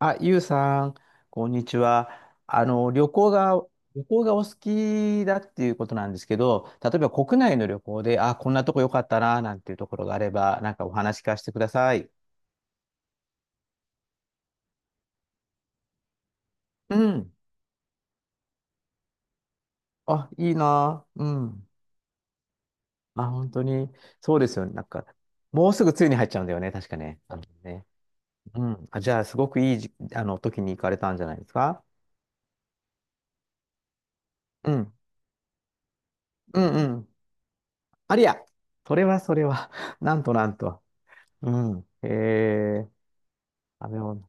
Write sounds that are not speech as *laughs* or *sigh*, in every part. あ、ゆうさん、こんにちは。旅行が、お好きだっていうことなんですけど、例えば国内の旅行で、あ、こんなとこ良かったな、なんていうところがあれば、なんかお話聞かせてください。うん。あ、いいな。うん。あ、本当に。そうですよね。なんか、もうすぐ梅雨に入っちゃうんだよね。確かね。あのね。うん。あ、じゃあ、すごくいいじ、あの、時に行かれたんじゃないですか？うん。うんうん。ありゃ。それはそれは。*laughs* なんとなんと。うん。へえ。食べ物。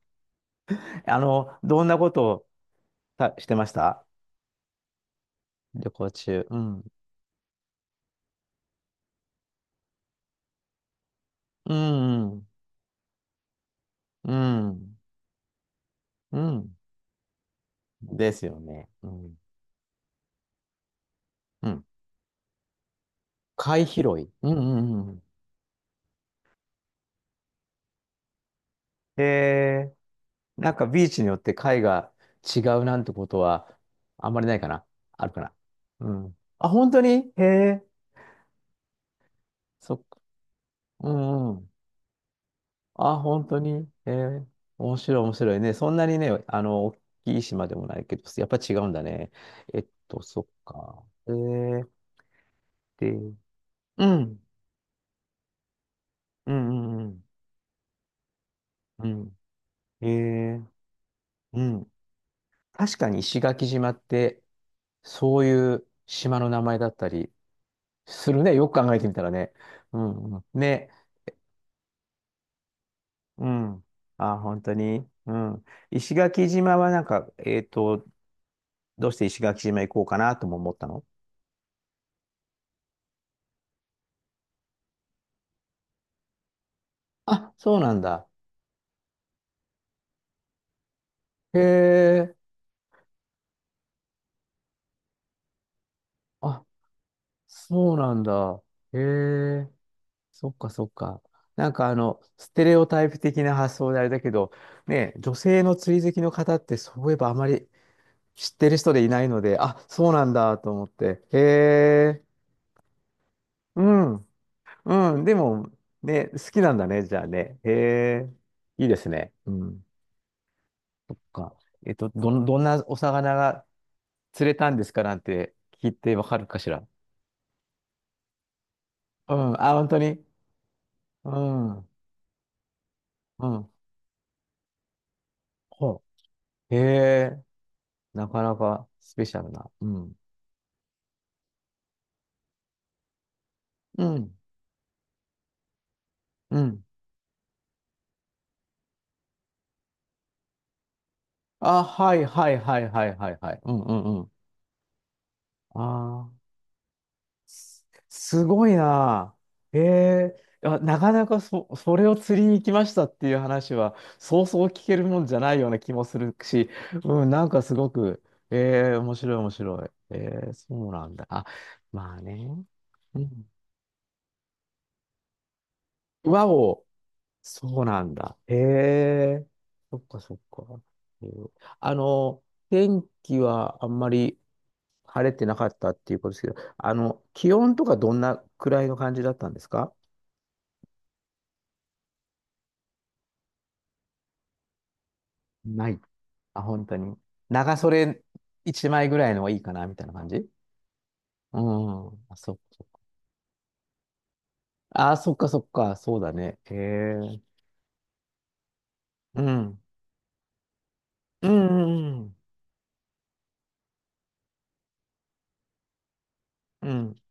どんなことをたしてました旅行中。うん。うん。うん。うん。ですよね。うん。うん。貝拾い。うんうんうん。へえ、なんかビーチによって貝が違うなんてことはあんまりないかな。あるかな？うん。あ、本当に。へえ、そっか。うんうん。あ、本当に。面白い、面白いね。そんなにね、大きい島でもないけど、やっぱ違うんだね。そっか。で、うん、うんうん、うん、うん。えー、うん。確かに石垣島って、そういう島の名前だったりするね。よく考えてみたらね。うん、うん。ね。うん。あ、本当に。うん。石垣島はなんか、どうして石垣島行こうかなとも思ったの？あ、そうなんだ。へえ、あ、そうなんだ。へえ、そっかそっか。なんかステレオタイプ的な発想であれだけど、ね、女性の釣り好きの方ってそういえばあまり知ってる人でいないので、あ、そうなんだと思って。へえ、うん、うん、でも、ね、好きなんだね、じゃあね。へえ、いいですね。うん、そっか。どんなお魚が釣れたんですかなんて聞いてわかるかしら？うん、あ、本当に。うん。うん。ほうへえ、なかなかスペシャルな。うん。うん。うん。あ、はいはいはいはいはいはい。うんうんうん。ああ、すごいな。へえ、あ、なかなかそれを釣りに行きましたっていう話は、そうそう聞けるもんじゃないような気もするし、うん、なんかすごく、ええ、面白い面白い。ええ、そうなんだ。あ、まあね。うん。和をそうなんだ。へえ。そっかそっか。えーあの、天気はあんまり晴れてなかったっていうことですけど、気温とかどんなくらいの感じだったんですか？ない。あ、本当に。長袖一枚ぐらいのがいいかな、みたいな感じうん。あ、そっかあ、そっかそっか。そうだね。へえ。うん。うんうんうん。うん。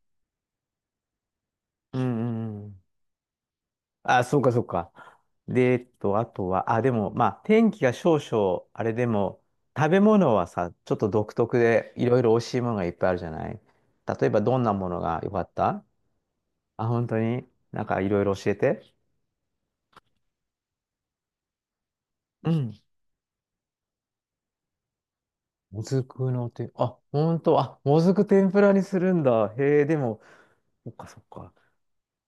うんうんうん。あ、そうか、そうか。で、あとは、あ、でも、まあ、天気が少々、あれでも、食べ物はさ、ちょっと独特で、いろいろ美味しいものがいっぱいあるじゃない。例えば、どんなものが良かった？あ、本当に、なんかいろいろ教えて。うん。もずくのて、あ、本当、あ、もずく天ぷらにするんだ。へえ、でも、そっか、そっか。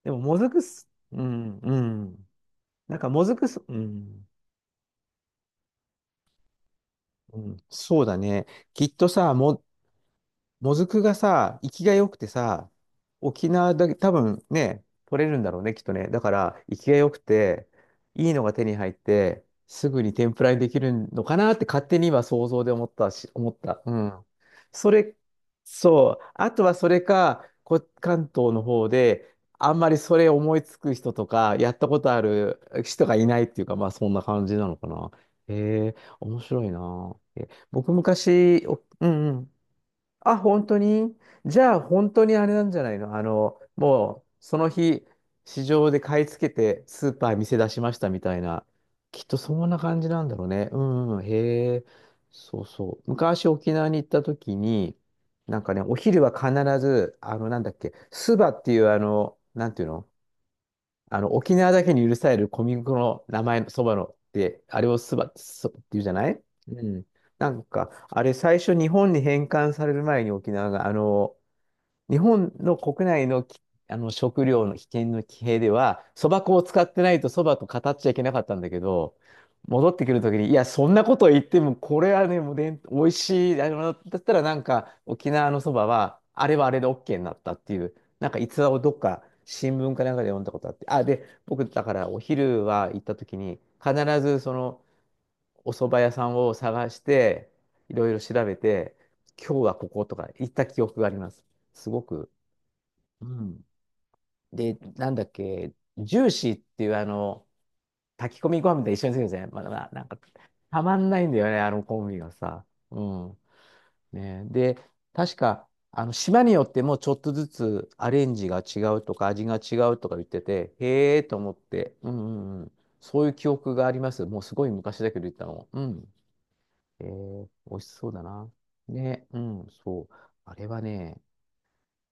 でも、もずくす、うん、うん。なんか、もずくす、うん、うん、そうだね。きっとさ、もずくがさ、生きが良くてさ、沖縄だけ、多分ね、取れるんだろうね、きっとね。だから、生きが良くて、いいのが手に入って、すぐに天ぷらにできるのかなって勝手に今想像で思ったし、思った。うん。それ、そう。あとはそれか、関東の方で、あんまりそれ思いつく人とか、やったことある人がいないっていうか、まあそんな感じなのかな。へえ、面白いな。え、僕昔、うんうん。あ、本当に、じゃあ本当にあれなんじゃないの？もうその日、市場で買い付けてスーパー店出しましたみたいな。きっとそんな感じなんだろうね。うんうん、へえ。そうそう。昔沖縄に行った時に、なんかね、お昼は必ず、なんだっけ、スバっていうなんていうの、沖縄だけに許される小麦粉の名前のそばのって、あれをそって言うじゃない。うん。なんか、あれ最初日本に返還される前に沖縄が、日本の国内のき、あの食料の危険の騎兵では、そば粉を使ってないとそばと語っちゃいけなかったんだけど、戻ってくるときに、いや、そんなこと言っても、これはね、もうでん、美味しい、だったらなんか、沖縄のそばは、あれはあれで OK になったっていう、なんか逸話をどっか新聞かなんかで読んだことあって、あ、で、僕、だからお昼は行ったときに、必ずその、お蕎麦屋さんを探して、いろいろ調べて、今日はこことか行った記憶があります。すごく、うん。で、なんだっけ、ジューシーっていう炊き込みご飯みたい一緒にするんですね。まあ、まあなんか、たまんないんだよね、あのコンビがさ。うん。ね。で、確か、島によってもちょっとずつアレンジが違うとか、味が違うとか言ってて、へえと思って、うんうんうん。そういう記憶があります。もうすごい昔だけど言ったの。うん。美味しそうだな。ね、うん、そう。あれはね、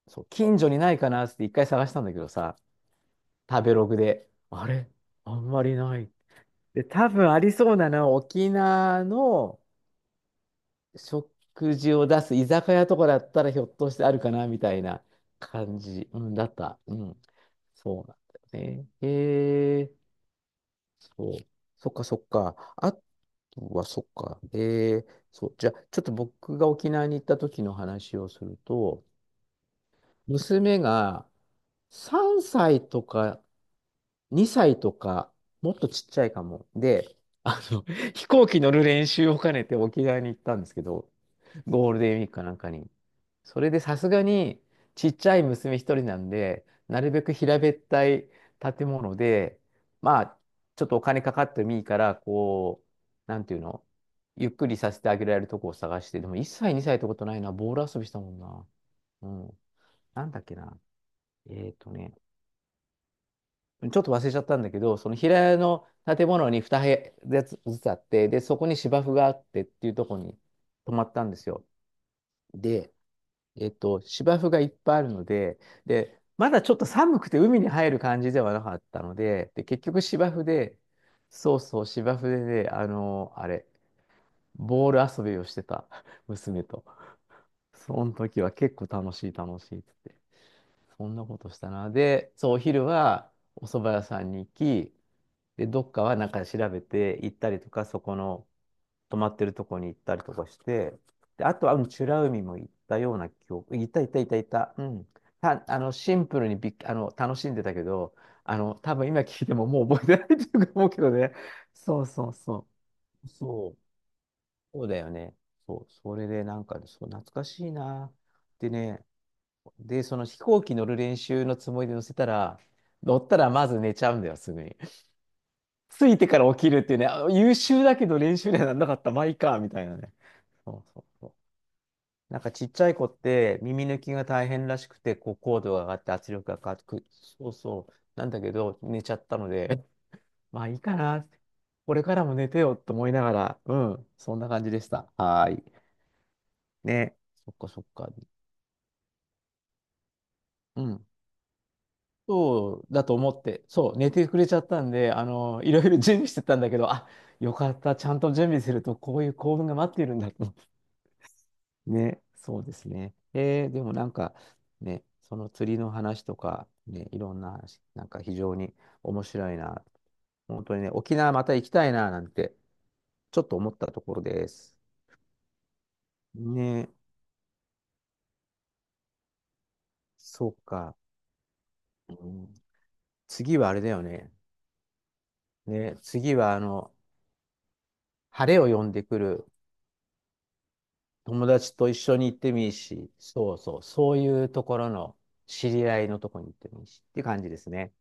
そう、近所にないかなって一回探したんだけどさ、食べログで、あれあんまりない。で、多分ありそうなのは沖縄の食事を出す居酒屋とかだったらひょっとしてあるかなみたいな感じ、うん、だった。うん。そうなんだよね。へえ、そう。そっかそっか。あとはそっか。へえ、そう。じゃあ、ちょっと僕が沖縄に行った時の話をすると、娘が3歳とか、2歳とか、もっとちっちゃいかも。で、あの、*laughs* 飛行機乗る練習を兼ねて沖縄に行ったんですけど、ゴールデンウィークかなんかに。それでさすがに、ちっちゃい娘一人なんで、なるべく平べったい建物で、まあ、ちょっとお金かかってもいいから、こう、なんていうの、ゆっくりさせてあげられるとこを探して、でも1歳、2歳ってことないな、ボール遊びしたもんな。うん。なんだっけな。えっとね、ちょっと忘れちゃったんだけど、その平屋の建物に2部屋ずつあって、で、そこに芝生があってっていうところに泊まったんですよ。で、芝生がいっぱいあるので、で、まだちょっと寒くて海に入る感じではなかったので、で、結局芝生で、そうそう、芝生でね、あれ、ボール遊びをしてた *laughs* 娘と。その時は結構楽しい楽しいっつって、そんなことしたな。で、そう、お昼はお蕎麦屋さんに行き、で、どっかはなんか調べて行ったりとか、そこの泊まってるとこに行ったりとかして、で、あとは、うん、美ら海も行ったような記憶、行った行った行った行った、うん。た、あの、シンプルにびっ、あの、楽しんでたけど、多分今聞いてももう覚えてないというか思うけどね。そうそうそう。そう、そうだよね。そう、それでなんか、そう、懐かしいな。でね、で、その飛行機乗る練習のつもりで乗せたら、乗ったらまず寝ちゃうんだよ、すぐに。ついてから起きるっていうね、優秀だけど練習にはなんなかったまあいいか、みたいなね。そうそうそう。なんかちっちゃい子って耳抜きが大変らしくて、こう高度が上がって圧力がかかってく、そうそう。なんだけど、寝ちゃったので、まあいいかな。これからも寝てよと思いながら、うん、そんな感じでした。はーい。ね。そっかそっか。うん。そうだと思って、そう、寝てくれちゃったんで、いろいろ準備してたんだけど、あ、よかった、ちゃんと準備すると、こういう幸運が待っているんだと、ね、そうですね。でもなんかね、その釣りの話とか、ね、いろんな話、なんか非常に面白いな。本当にね、沖縄また行きたいななんて、ちょっと思ったところです。ね、そうか。うん、次はあれだよね。ね、次は晴れを呼んでくる友達と一緒に行ってもいいし、そうそう、そういうところの知り合いのとこに行ってもいいしっていう感じですね。